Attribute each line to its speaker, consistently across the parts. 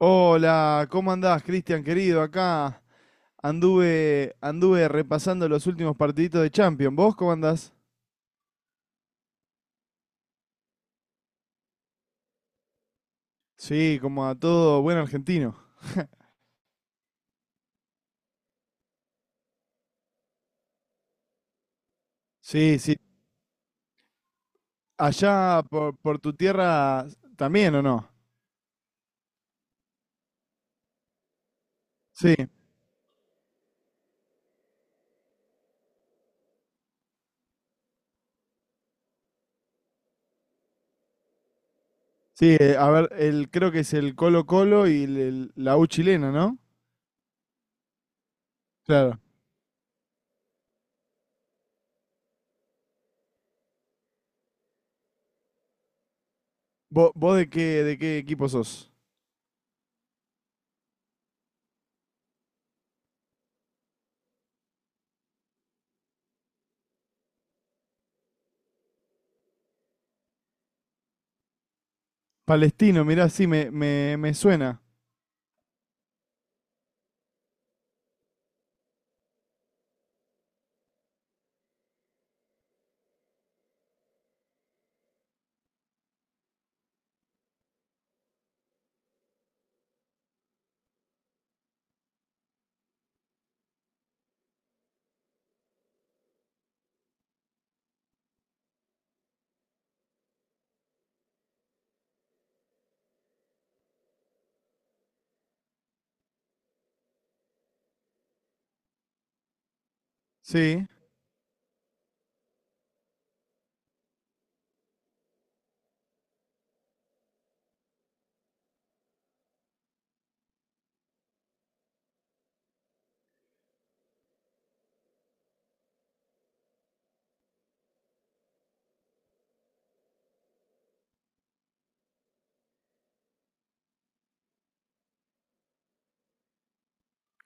Speaker 1: Hola, ¿cómo andás, Cristian, querido? Acá anduve repasando los últimos partiditos de Champions. ¿Vos cómo andás? Sí, como a todo buen argentino. Sí, sí. Allá por tu tierra también, ¿o no? Sí, sí. Creo que es el Colo Colo y la U chilena, ¿no? Claro. ¿Vos de qué equipo sos? Palestino, mirá, sí, me suena. Sí,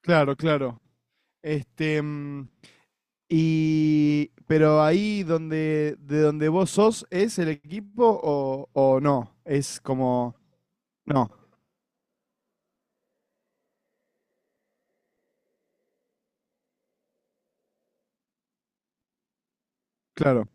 Speaker 1: claro, claro. Este, mm, Y, pero ahí donde, de donde vos sos, ¿es el equipo o no? Es como, no, claro.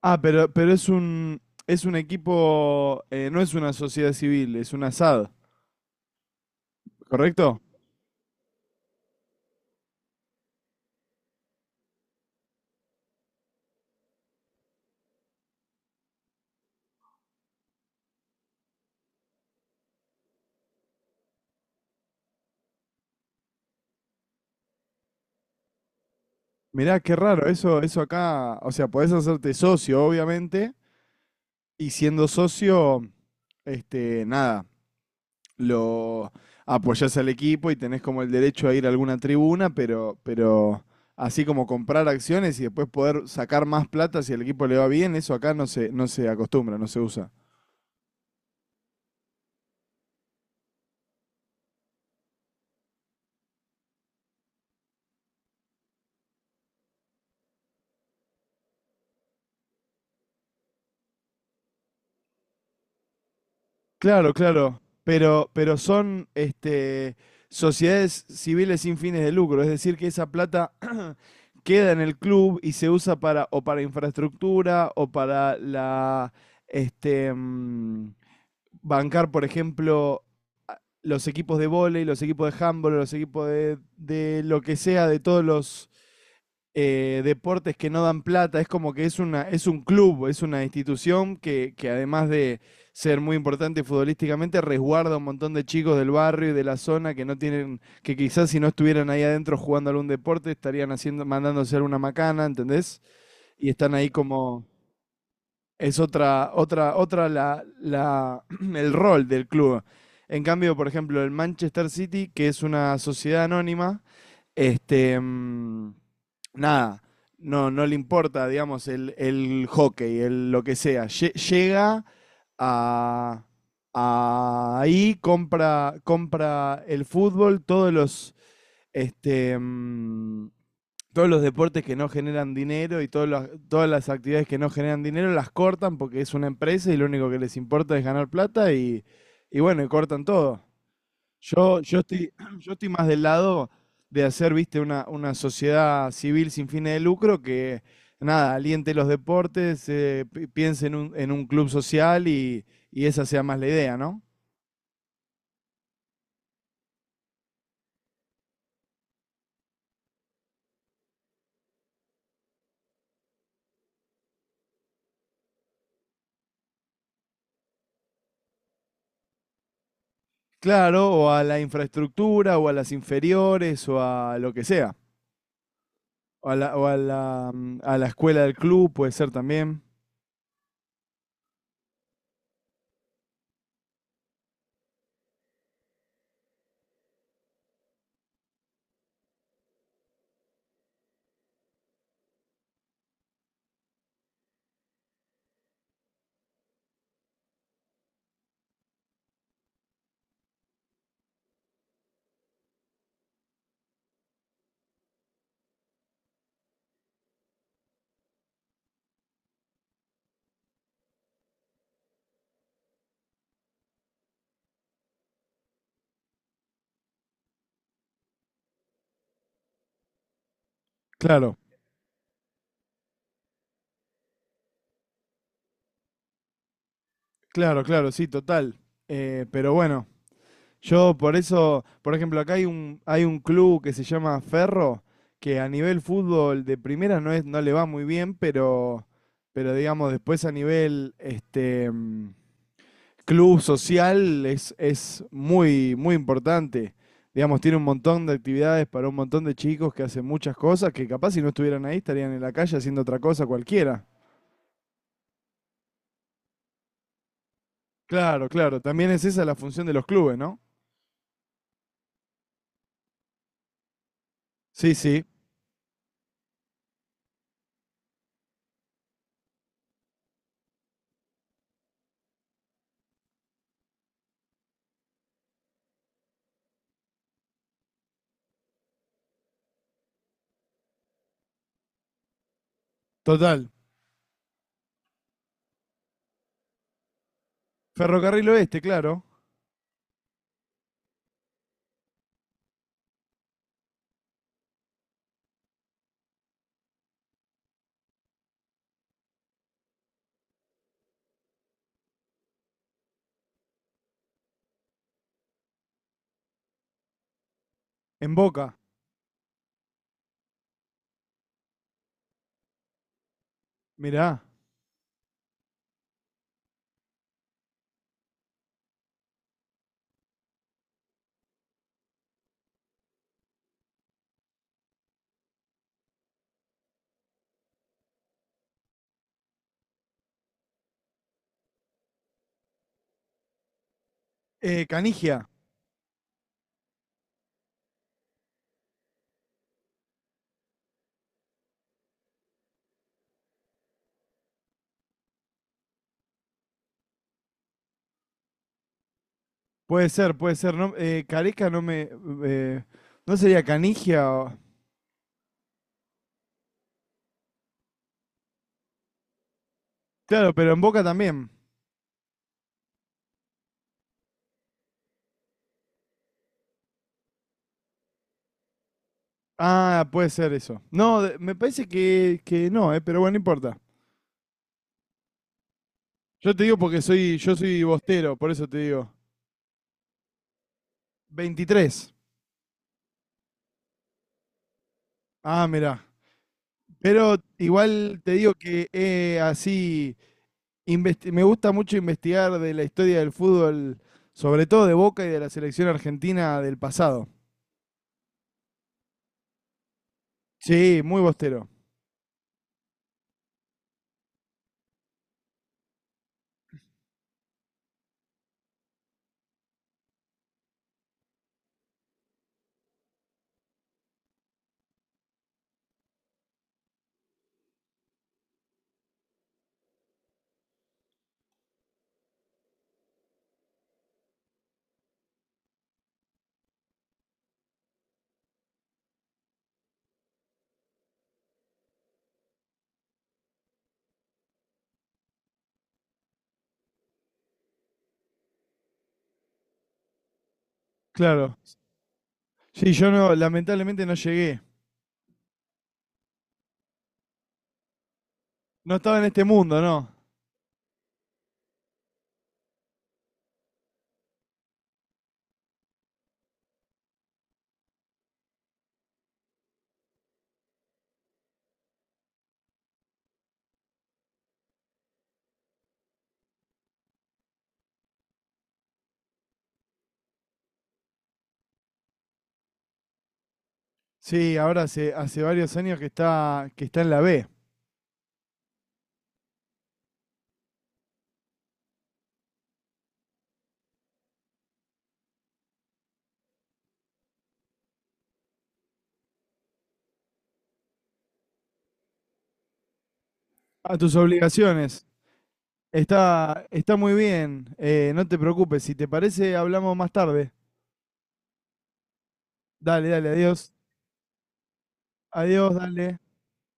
Speaker 1: Ah, pero es es un equipo, no es una sociedad civil, es una SAD, ¿correcto? Mirá, qué raro, eso acá, o sea, podés hacerte socio, obviamente, y siendo socio, este, nada, lo apoyás al equipo y tenés como el derecho a ir a alguna tribuna, pero así como comprar acciones y después poder sacar más plata si al equipo le va bien, eso acá no se acostumbra, no se usa. Claro, claro. Pero son sociedades civiles sin fines de lucro, es decir, que esa plata queda en el club y se usa para o para infraestructura o para la este mm, bancar, por ejemplo, los equipos de vóley, los equipos de handball, los equipos de lo que sea, de todos los deportes que no dan plata. Es como que es un club, es una institución que además de ser muy importante futbolísticamente, resguarda un montón de chicos del barrio y de la zona que no tienen, que quizás si no estuvieran ahí adentro jugando algún deporte, estarían haciendo, mandándose alguna macana, ¿entendés? Y están ahí como... Es el rol del club. En cambio, por ejemplo, el Manchester City, que es una sociedad anónima, este, mm, nada, no le importa, digamos, el hockey, el, lo que sea. Llega a, a ahí, compra el fútbol, todos los, este, mm, todos los deportes que no generan dinero y todas las actividades que no generan dinero las cortan porque es una empresa y lo único que les importa es ganar plata y bueno, y cortan todo. Yo, yo estoy, yo estoy más del lado de hacer, viste, una sociedad civil sin fines de lucro que nada, aliente los deportes, piense en en un club social y esa sea más la idea, ¿no? Claro, o a la infraestructura, o a las inferiores, o a lo que sea. O a a la escuela del club puede ser también. Claro, claro, claro, sí, total. Pero bueno, yo por eso, por ejemplo, acá hay hay un club que se llama Ferro, que a nivel fútbol de primera no le va muy bien, pero digamos, después a nivel club social es muy, muy importante. Digamos, tiene un montón de actividades para un montón de chicos que hacen muchas cosas que capaz si no estuvieran ahí estarían en la calle haciendo otra cosa cualquiera. Claro, claro. También es esa la función de los clubes, ¿no? Sí, sí, total. Ferrocarril Oeste, claro. En Boca. Mirá. Canigia. Puede ser, puede ser. No, Careca no me. Eh, ¿no sería Canigia? O... Claro, pero en Boca también. Ah, puede ser eso. No, de- me parece que no, pero bueno, no importa. Yo te digo porque soy, yo soy bostero, por eso te digo. 23. Ah, mirá. Pero igual te digo que así investi- me gusta mucho investigar de la historia del fútbol, sobre todo de Boca y de la selección argentina del pasado. Sí, muy bostero, claro. Sí, yo no, lamentablemente no llegué. No estaba en este mundo, ¿no? Sí, ahora hace, hace varios años que está en la B. A tus obligaciones. Está, está muy bien. Eh, no te preocupes. Si te parece, hablamos más tarde. Dale, dale, adiós. Adiós, dale.